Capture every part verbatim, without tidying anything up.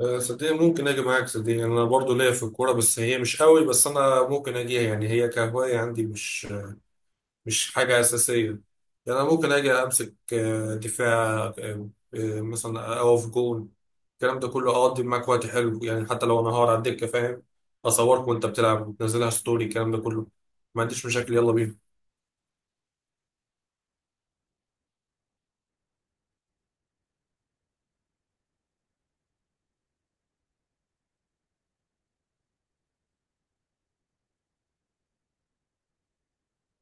آه، صدقني ممكن اجي معاك. صدقني انا برضو ليا في الكوره، بس هي مش قوي. بس انا ممكن اجيها، يعني هي كهوايه عندي، مش مش حاجه اساسيه. يعني انا ممكن اجي امسك آه، دفاع، آه، آه، مثلا اقف جون، الكلام ده كله، اقضي معاك وقت حلو. يعني حتى لو انا هقعد على الدكه، فاهم، اصورك وانت بتلعب وتنزلها ستوري، الكلام ده كله، ما عنديش مشاكل، يلا بينا.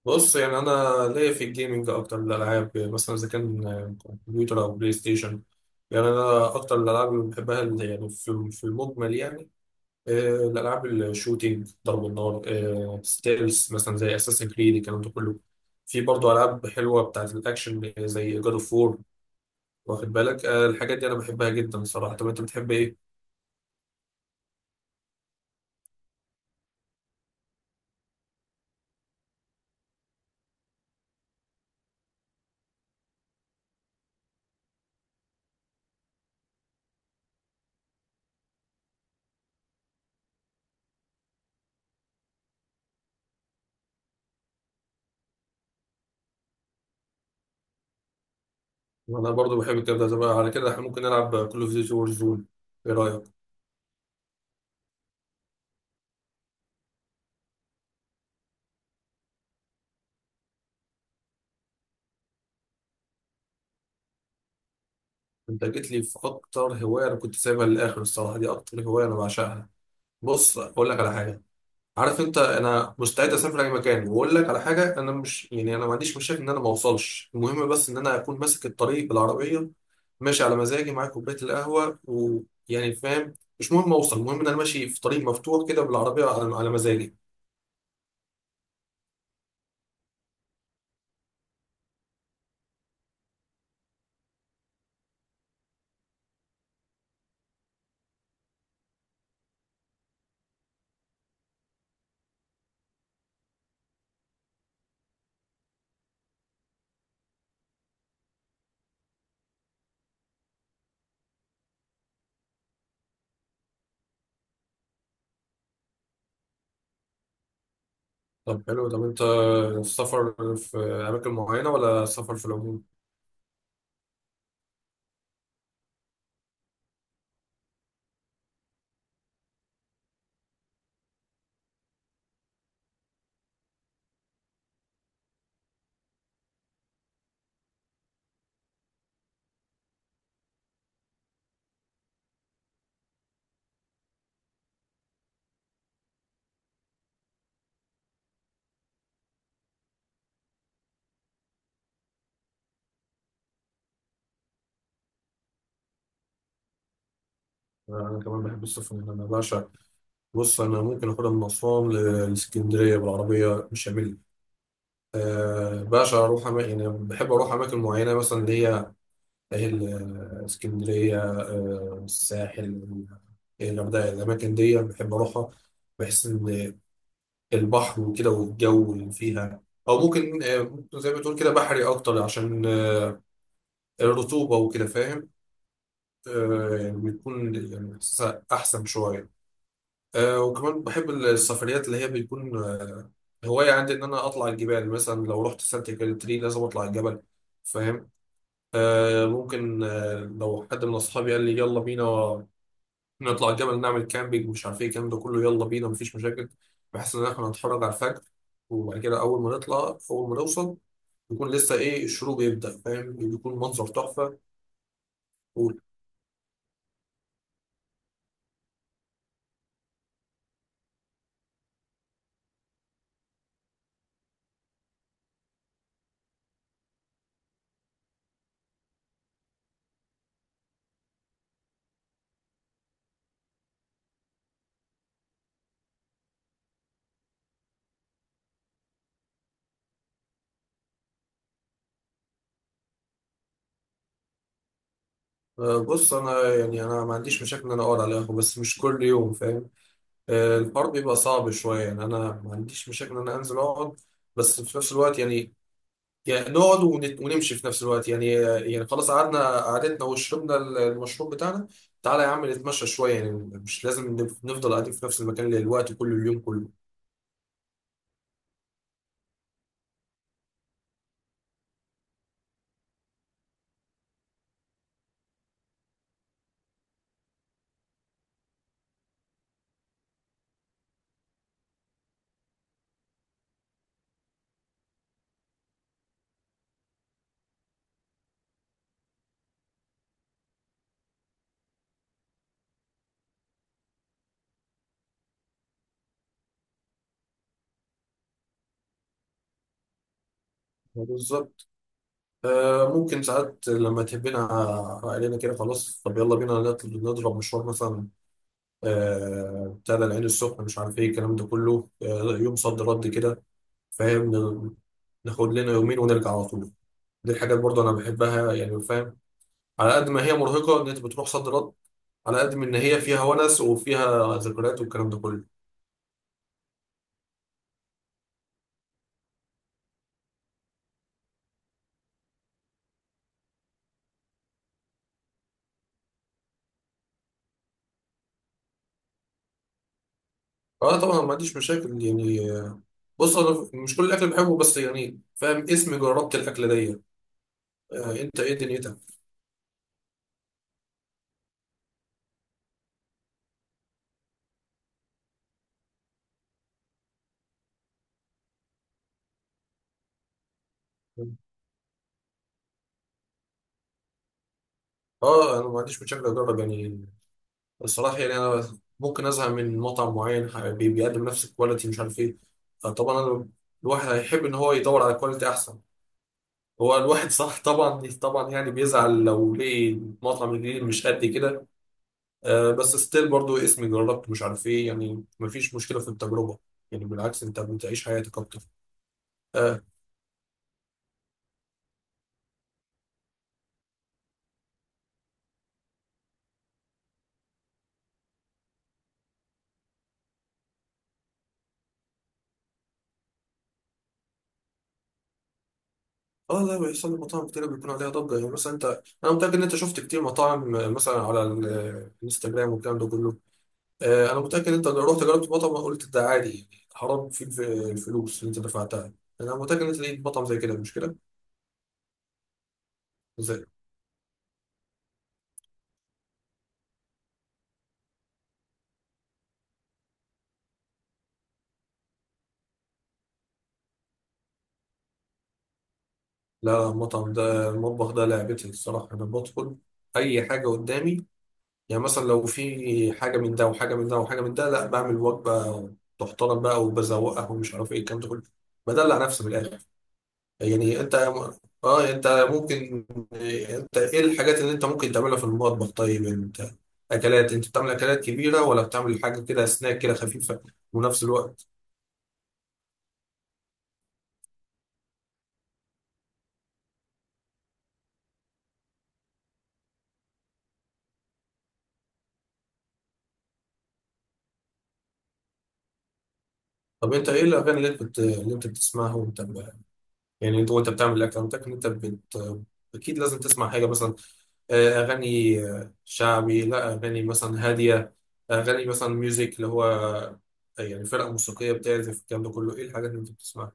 بص يعني انا ليا في الجيمنج اكتر من الالعاب. مثلا اذا كان كمبيوتر او بلاي ستيشن، يعني انا اكتر الالعاب اللي بحبها اللي يعني في في المجمل، يعني آه، الالعاب الشوتينج، ضرب النار، آه، ستيلز مثلا زي اساسن كريد، الكلام ده كله. في برضه العاب حلوه بتاعت الاكشن، آه، زي جاد اوف وور، واخد بالك؟ آه، الحاجات دي انا بحبها جدا صراحه. طب انت بتحب ايه؟ انا برضه بحب الكلام ده. طب على كده احنا ممكن نلعب كل اوف ديوتي وور زون، ايه رايك؟ انت جيت لي في اكتر هوايه انا كنت سايبها للاخر الصراحه. دي اكتر هوايه انا بعشقها. بص اقول لك على حاجه، عارف انت، انا مستعد اسافر اي مكان. واقول لك على حاجه، انا مش، يعني انا ما عنديش مشاكل ان انا ما اوصلش. المهم بس ان انا اكون ماسك الطريق بالعربيه، ماشي على مزاجي، معايا كوبايه القهوه، ويعني فاهم، مش مهم اوصل، المهم ان انا ماشي في طريق مفتوح كده بالعربيه على على مزاجي. طب حلو. طب انت السفر في اماكن معينه ولا سفر في العموم؟ انا كمان بحب السفر، انا بعشق. بص انا ممكن اخدها من اسوان ل- لاسكندريه بالعربيه، مش هعمل أه باشا اروح أما... يعني بحب اروح اماكن معينه، مثلا اللي هي اهل، آه، اسكندريه، أه الساحل، الغردقه. الاماكن دي بحب اروحها. بحس ان البحر وكده والجو اللي فيها، او ممكن آه، ممكن زي ما تقول كده بحري اكتر، عشان آه، الرطوبه وكده، فاهم؟ أه يعني بيكون يعني احساسها احسن شويه. آه وكمان بحب السفريات اللي هي بيكون آه هواية عندي، إن أنا أطلع الجبال. مثلا لو رحت سانت كاترين لازم أطلع الجبل، فاهم؟ آه ممكن، آه لو حد من أصحابي قال لي يلا بينا نطلع الجبل، نعمل كامبينج، مش عارف إيه الكلام ده كله، يلا بينا مفيش مشاكل. بحيث إن إحنا نتفرج على الفجر، وبعد كده أول ما نطلع أول ما نوصل، يكون لسه إيه، الشروق يبدأ، فاهم، يكون منظر تحفة. و- آه بص، أنا يعني أنا ما عنديش مشاكل إن أنا أقعد على القهوة، بس مش كل يوم فاهم. آه، الحوار بيبقى صعب شوية، يعني أنا ما عنديش مشاكل إن أنا أنزل أقعد، بس في نفس الوقت يعني، يعني نقعد ونت- ونمشي في نفس الوقت يعني. يعني خلاص قعدنا، قعدتنا وشربنا ال- المشروب بتاعنا، تعالى يا عم نتمشى شوية، يعني مش لازم نف- نفضل قاعدين في نفس المكان للوقت كل اليوم كله. بالظبط. آه، ممكن ساعات لما تهبنا علينا كده، خلاص طب يلا بينا نطل- نضرب مشوار مثلا، آه، بتاع ده العين السخنة، مش عارف إيه الكلام ده كله، آه، يوم صد رد كده، فاهم، ن- ناخد لنا يومين ونرجع على طول. دي الحاجات برضه انا بحبها يعني، فاهم، على قد ما هي مرهقه ان انت بتروح صد رد، على قد ما ان هي فيها ونس وفيها ذكريات والكلام ده كله. اه طبعا ما عنديش مشاكل يعني. آه، بص انا مش كل الاكل بحبه، بس يعني فاهم اسم جربت الاكله دي. آه، انت ايه دنيتك؟ اه انا ما عنديش مشاكل اجرب، يعني الصراحه. يعني انا ممكن ازهق من مطعم معين ح- بي- بيقدم نفس الكواليتي، مش عارف ايه. فطبعا انا الواحد هيحب ان هو يدور على كواليتي احسن، هو الواحد صح. طبعا، طبعا يعني بيزعل لو لقي المطعم الجديد مش قد كده. آه بس ستيل برضو اسمي جربت، مش عارف ايه، يعني مفيش مشكله في التجربه، يعني بالعكس انت بتعيش حياتك اكتر. اه، اه، لا بيحصل لي، مطاعم كتير بيكون عليها ضجه، يعني مثلا انت، انا متاكد ان انت شفت كتير مطاعم، آه، مثلا على ال- آه، الانستجرام والكلام ده كله. آه انا متاكد ان انت لو رحت جربت مطعم قلت ده عادي، يعني حرام فيه الف- الفلوس اللي انت دفعتها. انا متاكد ان انت لقيت مطعم زي كده، مش كده؟ لا، لا، المطعم ده المطبخ ده لعبتي الصراحة. أنا بدخل أي حاجة قدامي. يعني مثلا لو في حاجة من ده وحاجة من ده وحاجة من ده، لا بعمل وجبة تحترم بقى، وبزوقها، ومش عارف إيه الكلام ده كله، بدلع نفسي من الآخر. يعني أنت أه أنت ممكن أنت إيه الحاجات اللي أنت ممكن تعملها في المطبخ؟ طيب أنت أكلات، أنت بتعمل أكلات كبيرة ولا بتعمل حاجة كده سناك كده خفيفة؟ ونفس الوقت، طب أنت إيه الأغاني اللي أنت بت- اللي أنت بتسمعها وأنت، يعني انت وانت بتعمل الاكونتك انت بت... اكيد لازم تسمع حاجه مثلا، آه، اغاني آه، شعبي، لا اغاني مثلا هاديه، اغاني مثلا ميوزك اللي هو آه، يعني فرقه موسيقيه بتعزف الكلام ده كله، ايه الحاجات اللي انت بتسمعها؟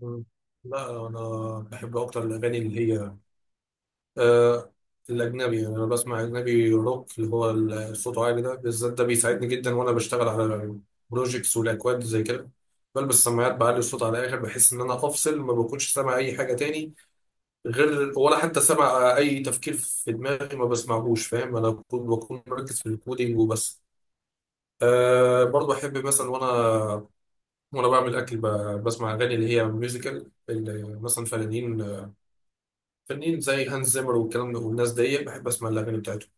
مم. لا انا بحب اكتر الاغاني اللي هي آه الاجنبي. يعني انا بسمع اجنبي روك اللي هو الصوت عالي ده بالذات، ده بيساعدني جدا وانا بشتغل على بروجيكتس والاكواد زي كده. بلبس السماعات، بعلي الصوت على الاخر، بحس ان انا افصل، ما بكونش سامع اي حاجه تاني غير، ولا حتى سمع اي تفكير في دماغي ما بسمعهوش، فاهم، انا بكون بكون مركز في الكودينج وبس. أه برضه احب مثلا وانا، وانا بعمل اكل ب- بسمع اغاني اللي هي ميوزيكال، اللي مثلا فنانين فنانين زي هانز زيمر والكلام ده، والناس دي بحب اسمع الاغاني بتاعتهم.